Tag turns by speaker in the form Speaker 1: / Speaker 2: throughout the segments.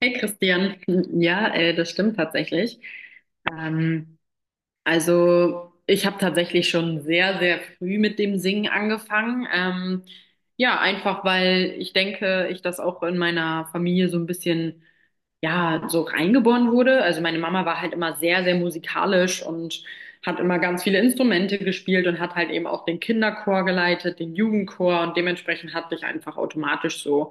Speaker 1: Hey Christian, ja, das stimmt tatsächlich. Ähm, also ich habe tatsächlich schon sehr, sehr früh mit dem Singen angefangen. Ja, einfach weil ich denke, ich das auch in meiner Familie so ein bisschen, ja, so reingeboren wurde. Also meine Mama war halt immer sehr, sehr musikalisch und hat immer ganz viele Instrumente gespielt und hat halt eben auch den Kinderchor geleitet, den Jugendchor, und dementsprechend hatte ich einfach automatisch so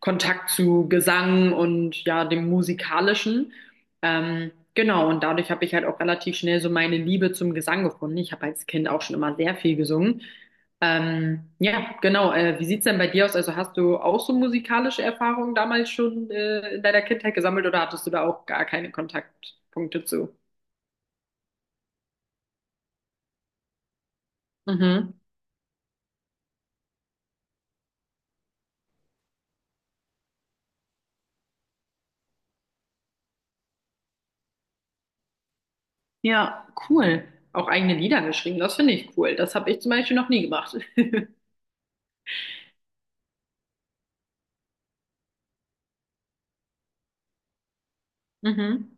Speaker 1: Kontakt zu Gesang und ja, dem Musikalischen. Genau, und dadurch habe ich halt auch relativ schnell so meine Liebe zum Gesang gefunden. Ich habe als Kind auch schon immer sehr viel gesungen. Ja, genau. Wie sieht's denn bei dir aus? Also hast du auch so musikalische Erfahrungen damals schon in deiner Kindheit gesammelt, oder hattest du da auch gar keine Kontaktpunkte zu? Mhm. Ja, cool. Auch eigene Lieder geschrieben, das finde ich cool. Das habe ich zum Beispiel noch nie gemacht. Mhm.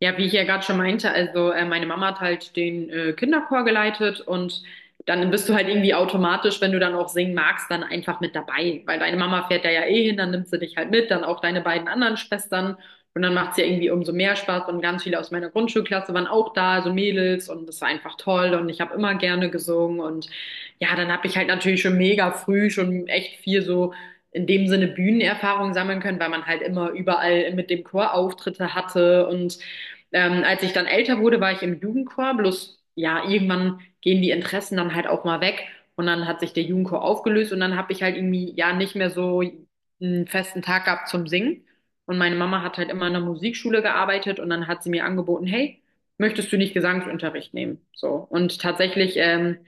Speaker 1: Ja, wie ich ja gerade schon meinte, also meine Mama hat halt den Kinderchor geleitet, und dann bist du halt irgendwie automatisch, wenn du dann auch singen magst, dann einfach mit dabei, weil deine Mama fährt da ja eh hin, dann nimmt sie dich halt mit, dann auch deine beiden anderen Schwestern, und dann macht's ja irgendwie umso mehr Spaß und ganz viele aus meiner Grundschulklasse waren auch da, also Mädels, und das war einfach toll und ich habe immer gerne gesungen und ja, dann habe ich halt natürlich schon mega früh schon echt viel so in dem Sinne Bühnenerfahrung sammeln können, weil man halt immer überall mit dem Chor Auftritte hatte, und als ich dann älter wurde, war ich im Jugendchor, bloß ja, irgendwann gehen die Interessen dann halt auch mal weg, und dann hat sich der Jugendchor aufgelöst und dann habe ich halt irgendwie ja nicht mehr so einen festen Tag gehabt zum Singen. Und meine Mama hat halt immer in der Musikschule gearbeitet und dann hat sie mir angeboten: hey, möchtest du nicht Gesangsunterricht nehmen? So. Und tatsächlich ähm,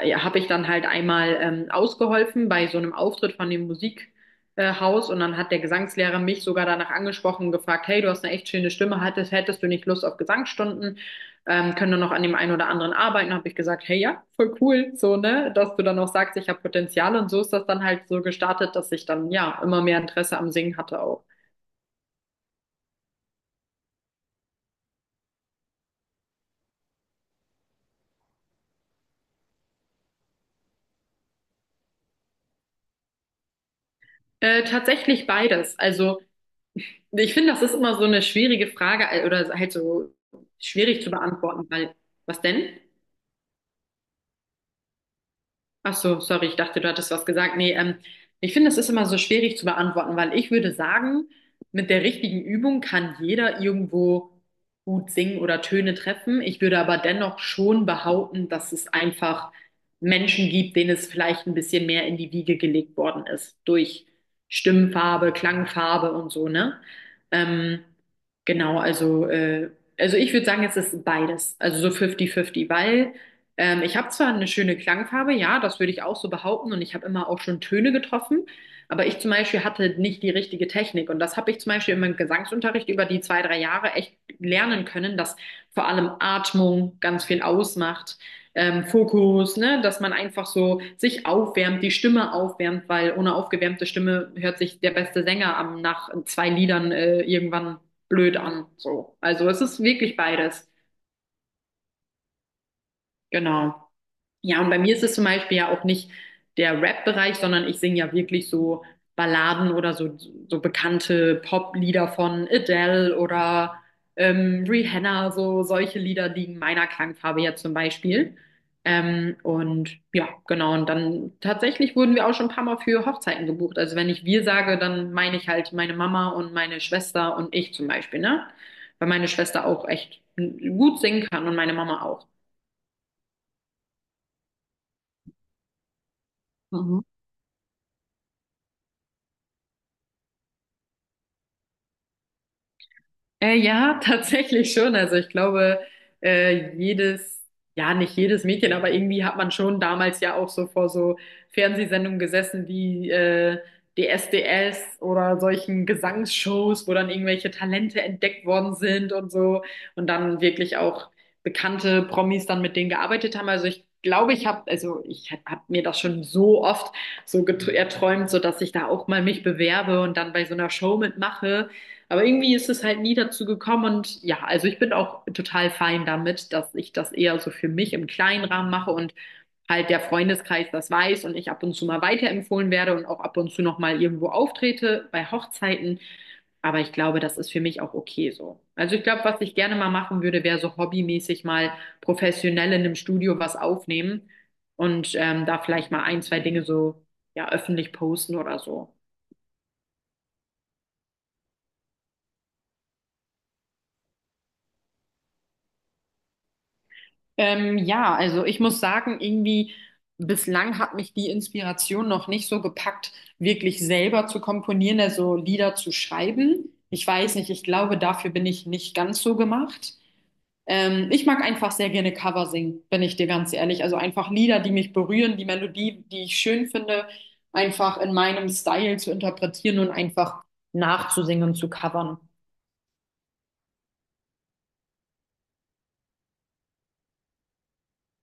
Speaker 1: äh, ja, habe ich dann halt einmal ausgeholfen bei so einem Auftritt von dem Musikhaus Haus. Und dann hat der Gesangslehrer mich sogar danach angesprochen und gefragt: hey, du hast eine echt schöne Stimme, hättest du nicht Lust auf Gesangsstunden? Können wir noch an dem einen oder anderen arbeiten? Habe ich gesagt: hey, ja, voll cool, so, ne, dass du dann auch sagst, ich habe Potenzial, und so ist das dann halt so gestartet, dass ich dann ja immer mehr Interesse am Singen hatte auch. Tatsächlich beides. Also ich finde, das ist immer so eine schwierige Frage oder halt so schwierig zu beantworten, weil. Was denn? Ach so, sorry, ich dachte, du hattest was gesagt. Nee, ich finde, das ist immer so schwierig zu beantworten, weil, ich würde sagen, mit der richtigen Übung kann jeder irgendwo gut singen oder Töne treffen. Ich würde aber dennoch schon behaupten, dass es einfach Menschen gibt, denen es vielleicht ein bisschen mehr in die Wiege gelegt worden ist, durch Stimmfarbe, Klangfarbe und so, ne? Ähm, genau, also ich würde sagen, es ist beides, also so 50-50, weil. Ich habe zwar eine schöne Klangfarbe, ja, das würde ich auch so behaupten, und ich habe immer auch schon Töne getroffen, aber ich zum Beispiel hatte nicht die richtige Technik, und das habe ich zum Beispiel in meinem Gesangsunterricht über die zwei, drei Jahre echt lernen können, dass vor allem Atmung ganz viel ausmacht, Fokus, ne, dass man einfach so sich aufwärmt, die Stimme aufwärmt, weil ohne aufgewärmte Stimme hört sich der beste Sänger am, nach zwei Liedern irgendwann blöd an, so. Also es ist wirklich beides. Genau. Ja, und bei mir ist es zum Beispiel ja auch nicht der Rap-Bereich, sondern ich singe ja wirklich so Balladen oder so, so bekannte Pop-Lieder von Adele oder Rihanna, so solche Lieder liegen meiner Klangfarbe ja zum Beispiel. Und ja, genau. Und dann tatsächlich wurden wir auch schon ein paar Mal für Hochzeiten gebucht. Also wenn ich wir sage, dann meine ich halt meine Mama und meine Schwester und ich zum Beispiel, ne? Weil meine Schwester auch echt gut singen kann und meine Mama auch. Mhm. Ja, tatsächlich schon. Also ich glaube, äh, jedes, ja, nicht jedes Mädchen, aber irgendwie hat man schon damals ja auch so vor so Fernsehsendungen gesessen wie DSDS oder solchen Gesangsshows, wo dann irgendwelche Talente entdeckt worden sind, und so, und dann wirklich auch bekannte Promis dann mit denen gearbeitet haben. Also ich glaube, ich habe mir das schon so oft so erträumt, so dass ich da auch mal mich bewerbe und dann bei so einer Show mitmache. Aber irgendwie ist es halt nie dazu gekommen, und ja, also ich bin auch total fein damit, dass ich das eher so für mich im kleinen Rahmen mache und halt der Freundeskreis das weiß und ich ab und zu mal weiterempfohlen werde und auch ab und zu noch mal irgendwo auftrete bei Hochzeiten. Aber ich glaube, das ist für mich auch okay so. Also ich glaube, was ich gerne mal machen würde, wäre so hobbymäßig mal professionell in einem Studio was aufnehmen und da vielleicht mal ein, zwei Dinge so ja öffentlich posten oder so. Ja, also ich muss sagen, irgendwie bislang hat mich die Inspiration noch nicht so gepackt, wirklich selber zu komponieren, also Lieder zu schreiben. Ich weiß nicht, ich glaube, dafür bin ich nicht ganz so gemacht. Ich mag einfach sehr gerne Cover singen, bin ich dir ganz ehrlich. Also einfach Lieder, die mich berühren, die Melodie, die ich schön finde, einfach in meinem Style zu interpretieren und einfach nachzusingen und zu covern.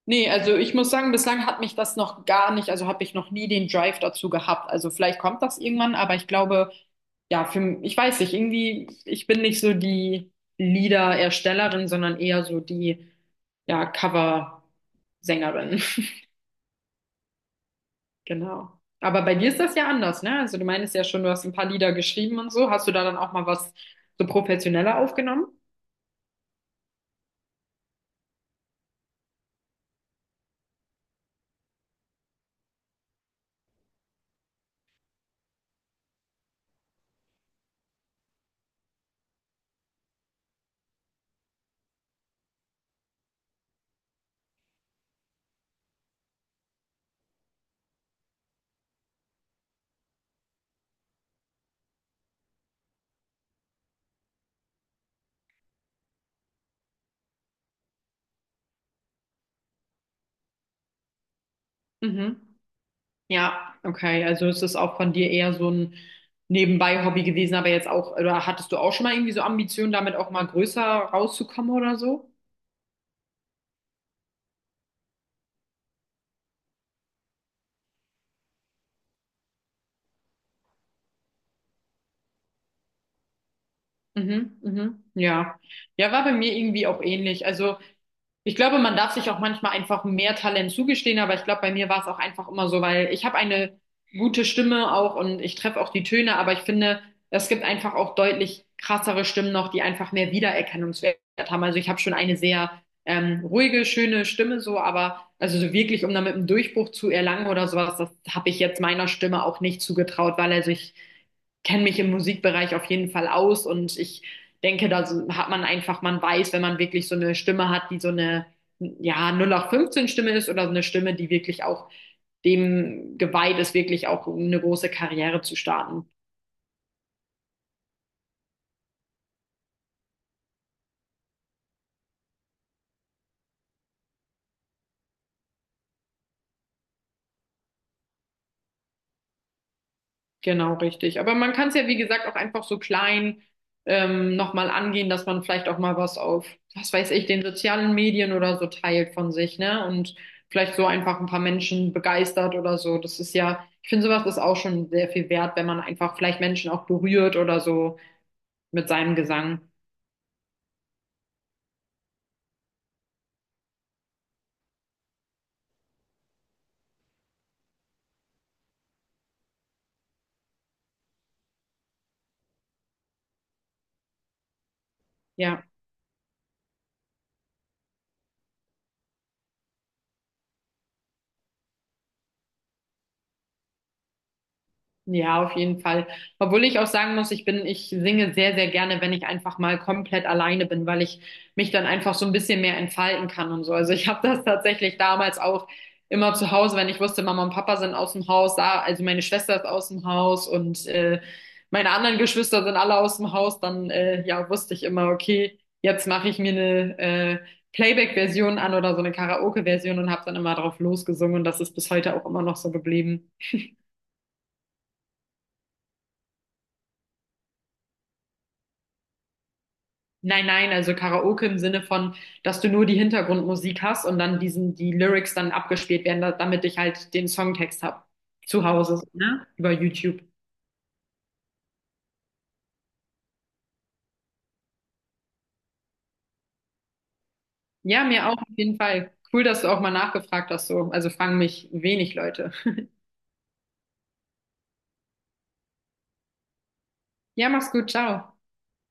Speaker 1: Nee, also ich muss sagen, bislang hat mich das noch gar nicht, also habe ich noch nie den Drive dazu gehabt. Also vielleicht kommt das irgendwann, aber ich glaube, ja, für, ich weiß nicht, irgendwie, ich bin nicht so die Liedererstellerin, sondern eher so die, ja, Cover-Sängerin. Genau. Aber bei dir ist das ja anders, ne? Also du meinst ja schon, du hast ein paar Lieder geschrieben und so. Hast du da dann auch mal was so professioneller aufgenommen? Mhm. Ja, okay. Also ist das auch von dir eher so ein Nebenbei-Hobby gewesen, aber jetzt auch, oder hattest du auch schon mal irgendwie so Ambitionen, damit auch mal größer rauszukommen oder so? Mhm, mhm, ja. Ja, war bei mir irgendwie auch ähnlich. Also ich glaube, man darf sich auch manchmal einfach mehr Talent zugestehen, aber ich glaube, bei mir war es auch einfach immer so, weil ich habe eine gute Stimme auch und ich treffe auch die Töne, aber ich finde, es gibt einfach auch deutlich krassere Stimmen noch, die einfach mehr Wiedererkennungswert haben. Also ich habe schon eine sehr ruhige, schöne Stimme so, aber also so wirklich, um damit einen Durchbruch zu erlangen oder sowas, das habe ich jetzt meiner Stimme auch nicht zugetraut, weil, also, ich kenne mich im Musikbereich auf jeden Fall aus, und ich denke, hat man einfach, man weiß, wenn man wirklich so eine Stimme hat, die so eine, ja, null acht fünfzehn Stimme ist oder so eine Stimme, die wirklich auch dem geweiht ist, wirklich auch um eine große Karriere zu starten. Genau, richtig. Aber man kann es ja, wie gesagt, auch einfach so klein nochmal angehen, dass man vielleicht auch mal was auf, was weiß ich, den sozialen Medien oder so teilt von sich, ne? Und vielleicht so einfach ein paar Menschen begeistert oder so. Das ist ja, ich finde, sowas ist auch schon sehr viel wert, wenn man einfach vielleicht Menschen auch berührt oder so, mit seinem Gesang. Ja, ja, auf jeden Fall. Obwohl ich auch sagen muss, ich bin, ich singe sehr, sehr gerne, wenn ich einfach mal komplett alleine bin, weil ich mich dann einfach so ein bisschen mehr entfalten kann und so. Also ich habe das tatsächlich damals auch immer zu Hause, wenn ich wusste, Mama und Papa sind aus dem Haus, da, also meine Schwester ist aus dem Haus und meine anderen Geschwister sind alle aus dem Haus, dann ja, wusste ich immer, okay, jetzt mache ich mir eine Playback-Version an oder so eine Karaoke-Version und habe dann immer drauf losgesungen, und das ist bis heute auch immer noch so geblieben. Nein, nein, also Karaoke im Sinne von, dass du nur die Hintergrundmusik hast und dann die Lyrics dann abgespielt werden, da, damit ich halt den Songtext habe. Zu Hause, so, ne? Über YouTube. Ja, mir auch auf jeden Fall. Cool, dass du auch mal nachgefragt hast, so. Also fragen mich wenig Leute. Ja, mach's gut, ciao.